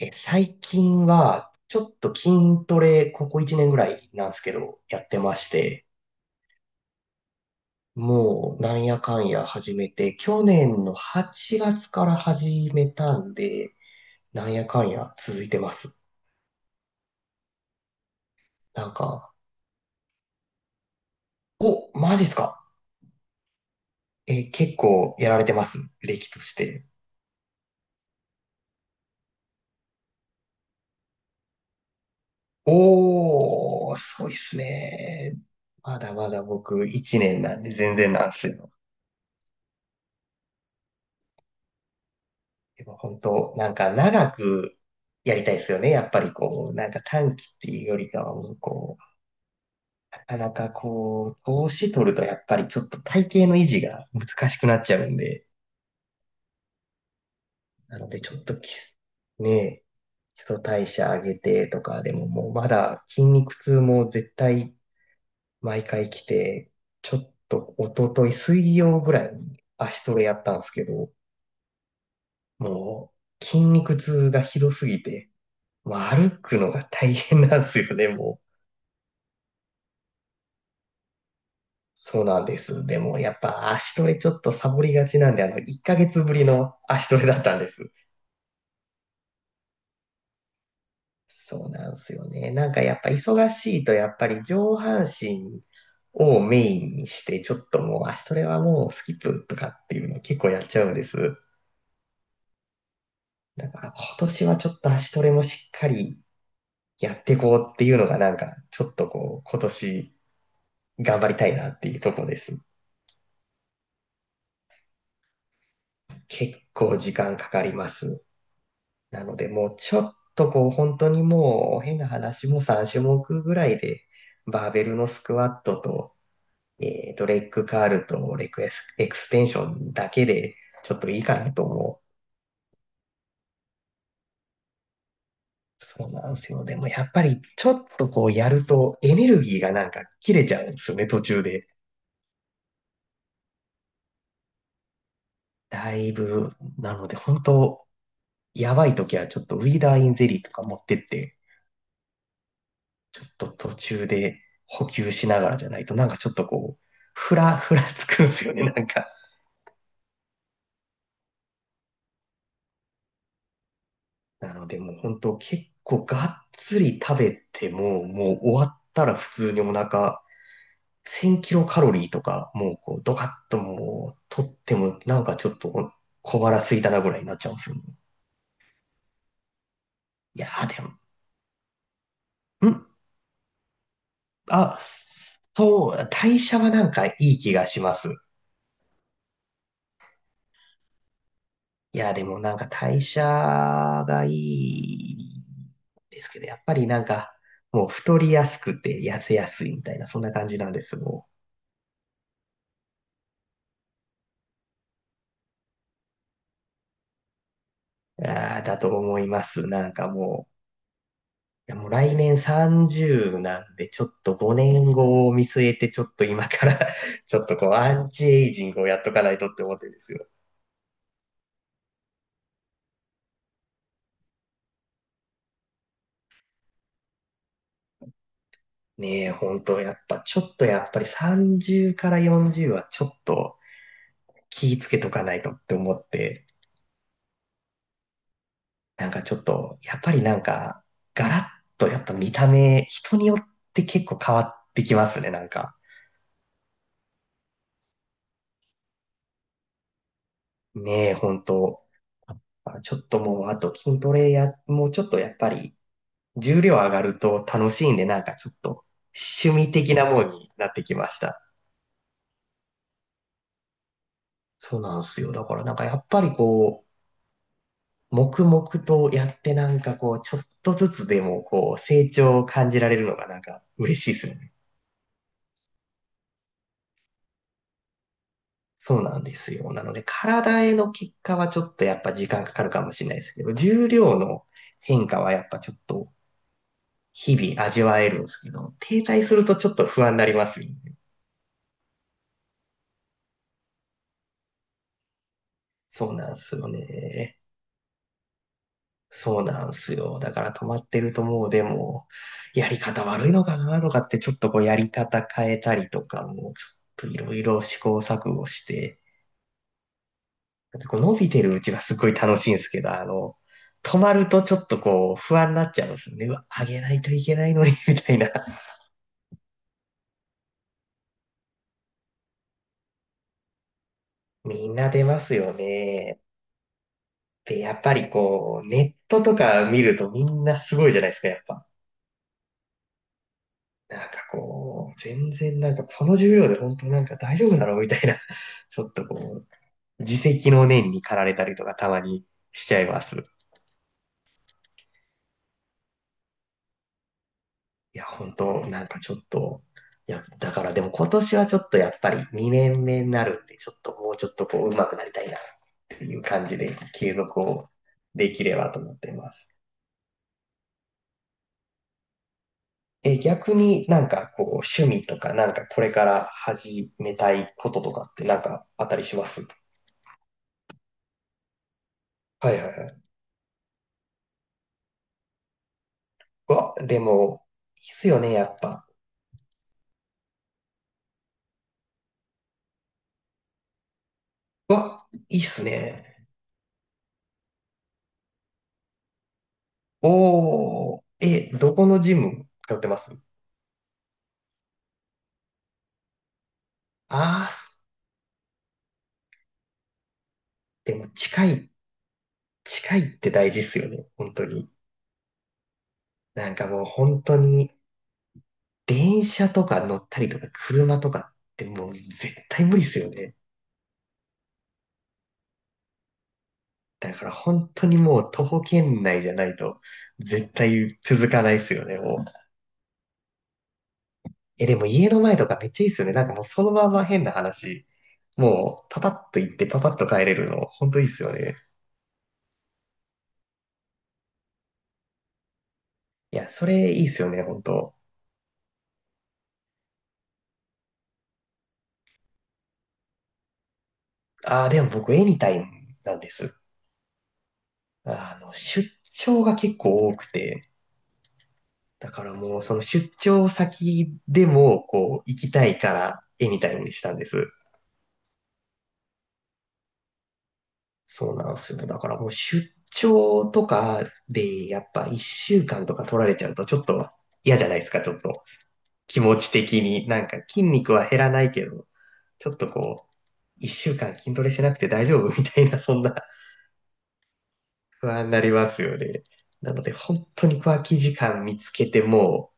え、最近は、ちょっと筋トレ、ここ1年ぐらいなんですけど、やってまして、もう、なんやかんや始めて、去年の8月から始めたんで、なんやかんや続いてます。なんか、お、マジっすか？え、結構やられてます？歴として。おー、そういっすね。まだまだ僕1年なんで全然なんすよ。でも本当、なんか長くやりたいですよね。やっぱりこう、なんか短期っていうよりかはもうこう、なかなかこう、投資取るとやっぱりちょっと体型の維持が難しくなっちゃうんで、なのでちょっとき、ねえ、基礎代謝上げてとか、でももうまだ筋肉痛も絶対毎回来て、ちょっと一昨日水曜ぐらいに足トレやったんですけど、もう筋肉痛がひどすぎて、まあ、歩くのが大変なんですよね、もう。そうなんです。でも、やっぱ足トレちょっとサボりがちなんで、1ヶ月ぶりの足トレだったんです。そうなんですよね。なんかやっぱ忙しいと、やっぱり上半身をメインにして、ちょっともう足トレはもうスキップとかっていうの結構やっちゃうんです。だから今年はちょっと足トレもしっかりやっていこうっていうのがなんか、ちょっとこう、今年頑張りたいなっていうとこです。結構時間かかります。なので、もうちょっとこう、本当にもう、変な話も3種目ぐらいで、バーベルのスクワットと、レッグカールとレクエス、エクステンションだけで、ちょっといいかなと思う。そうなんですよ。でもやっぱり、ちょっとこう、やると、エネルギーがなんか切れちゃうんですよね、途中で。だいぶ、なので、本当やばい時はちょっとウィーダーインゼリーとか持ってって、ちょっと途中で補給しながらじゃないと、なんかちょっとこう、ふらつくんですよね、なんか。なのでもう本当結構がっつり食べても、もう終わったら普通にお腹1000キロカロリーとか、もうこうドカッともう取っても、なんかちょっと小腹空いたなぐらいになっちゃうんですよね。いやーでも、ん、あ、そう、代謝はなんかいい気がします。いや、でもなんか代謝がいいですけど、やっぱりなんか、もう太りやすくて痩せやすいみたいな、そんな感じなんです、もう。あーだと思います。なんかもう、いやもう来年30なんで、ちょっと5年後を見据えて、ちょっと今から ちょっとこう、アンチエイジングをやっとかないとって思ってるんですよ。ねえ、本当やっぱ、ちょっとやっぱり30から40はちょっと気ぃつけとかないとって思って、なんかちょっと、やっぱりなんか、ガラッとやっぱ見た目、人によって結構変わってきますね、なんか。ねえ、本当あちょっともう、あと筋トレや、もうちょっとやっぱり、重量上がると楽しいんで、なんかちょっと、趣味的なもんになってきました。そうなんですよ。だからなんかやっぱりこう、黙々とやってなんかこう、ちょっとずつでもこう、成長を感じられるのがなんか嬉しいですよね。そうなんですよ。なので、体への結果はちょっとやっぱ時間かかるかもしれないですけど、重量の変化はやっぱちょっと日々味わえるんですけど、停滞するとちょっと不安になりますよね。そうなんですよね。そうなんですよ。だから止まってるともうでも、やり方悪いのかなとかってちょっとこうやり方変えたりとかも、ちょっといろいろ試行錯誤して、こう伸びてるうちはすごい楽しいんですけど、止まるとちょっとこう不安になっちゃうんですよね。うわ、上げないといけないのに、みたいな。みんな出ますよね。で、やっぱりこう、ネットとか見るとみんなすごいじゃないですか、やっぱ。なんかこう、全然なんかこの重量で本当なんか大丈夫だろうみたいな、ちょっとこう、自責の念に駆られたりとかたまにしちゃいます。いや、本当なんかちょっと、いや、だからでも今年はちょっとやっぱり2年目になるんで、ちょっともうちょっとこう上手くなりたいなっていう感じで継続をできればと思っています。え、逆になんかこう趣味とかなんかこれから始めたいこととかってなんかあったりします？はいはいはい。うわ、でも、いいっすよね、やっぱ。うわ、いいっすね。おー、え、どこのジム通ってます？あー、でも近い近いって大事っすよね、本当に。なんかもう本当に、電車とか乗ったりとか車とかってもう絶対無理っすよね。だから本当にもう徒歩圏内じゃないと絶対続かないっすよね、もう。え、でも家の前とかめっちゃいいっすよね。なんかもうそのまま変な話。もうパパッと行ってパパッと帰れるの本当いいっすよね。いや、それいいっすよね、本当。ああ、でも僕エニタイムなんです。出張が結構多くて、だからもう、その出張先でも、こう、行きたいから、絵みたいにしたんです。そうなんですよ。だからもう、出張とかで、やっぱ一週間とか取られちゃうと、ちょっと嫌じゃないですか、ちょっと。気持ち的に。なんか、筋肉は減らないけど、ちょっとこう、一週間筋トレしなくて大丈夫みたいな、そんな不安になりますよね。なので、本当に空き時間見つけて、も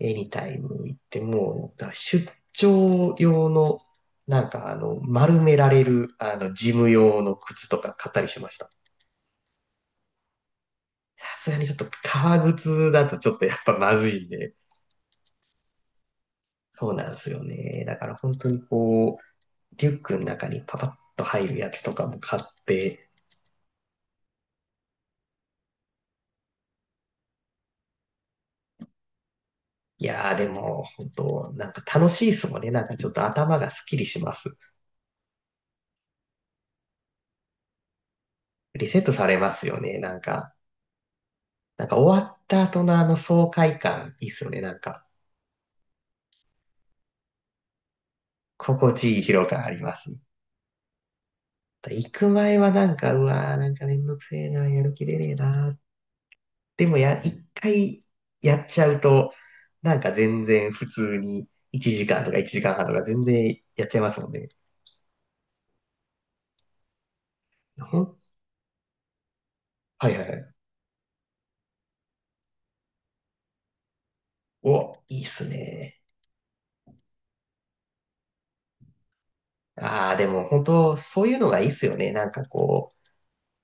う、エニタイム行って、もう、だから出張用の、なんか、丸められる、ジム用の靴とか買ったりしました。さすがにちょっと革靴だとちょっとやっぱまずいんで、そうなんですよね。だから本当にこう、リュックの中にパパッと入るやつとかも買って、いやーでも本当、なんか楽しいですもんね。なんかちょっと頭がスッキリします。リセットされますよね。なんか、なんか終わった後のあの爽快感、いいっすよね。なんか、心地いい疲労感あります。行く前はなんか、うわー、なんかめんどくせえな、やる気出ねえな。でもや、一回やっちゃうと、なんか全然普通に1時間とか1時間半とか全然やっちゃいますもんね。ほん、はいはいはい。お、いいっすね。ああ、でも本当、そういうのがいいっすよね。なんかこう、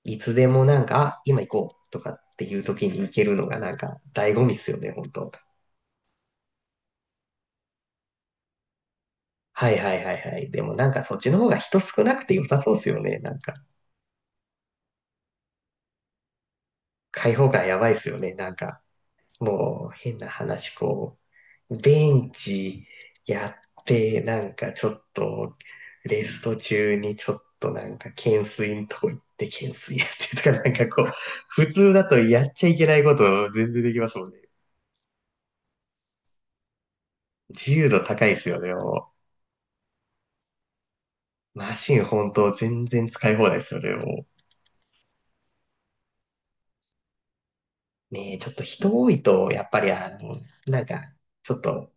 いつでもなんか、あ、今行こうとかっていう時に行けるのがなんか醍醐味っすよね、本当。はいはいはいはい。でもなんかそっちの方が人少なくて良さそうっすよね、なんか。開放感やばいっすよね、なんか。もう変な話、こう、ベンチやって、なんかちょっと、レスト中にちょっとなんか懸垂のとこ行って懸垂やってとか、なんかこう、普通だとやっちゃいけないこと全然できますもんね。自由度高いっすよね、もう。マシン本当全然使い放題ですよね、もう。ねえ、ちょっと人多いと、やっぱりあの、なんか、ちょっと、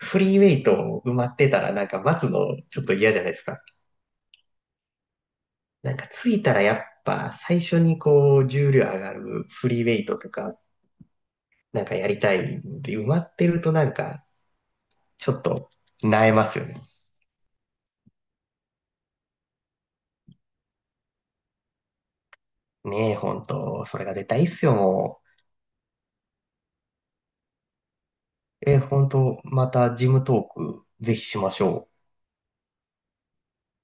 フリーウェイト埋まってたらなんか待つのちょっと嫌じゃないですか。なんか着いたらやっぱ最初にこう重量上がるフリーウェイトとかなんかやりたいんで埋まってるとなんかちょっと萎えますよね。ねえ、本当それが絶対いいっすよ、もう。え、本当またジムトークぜひしましょう。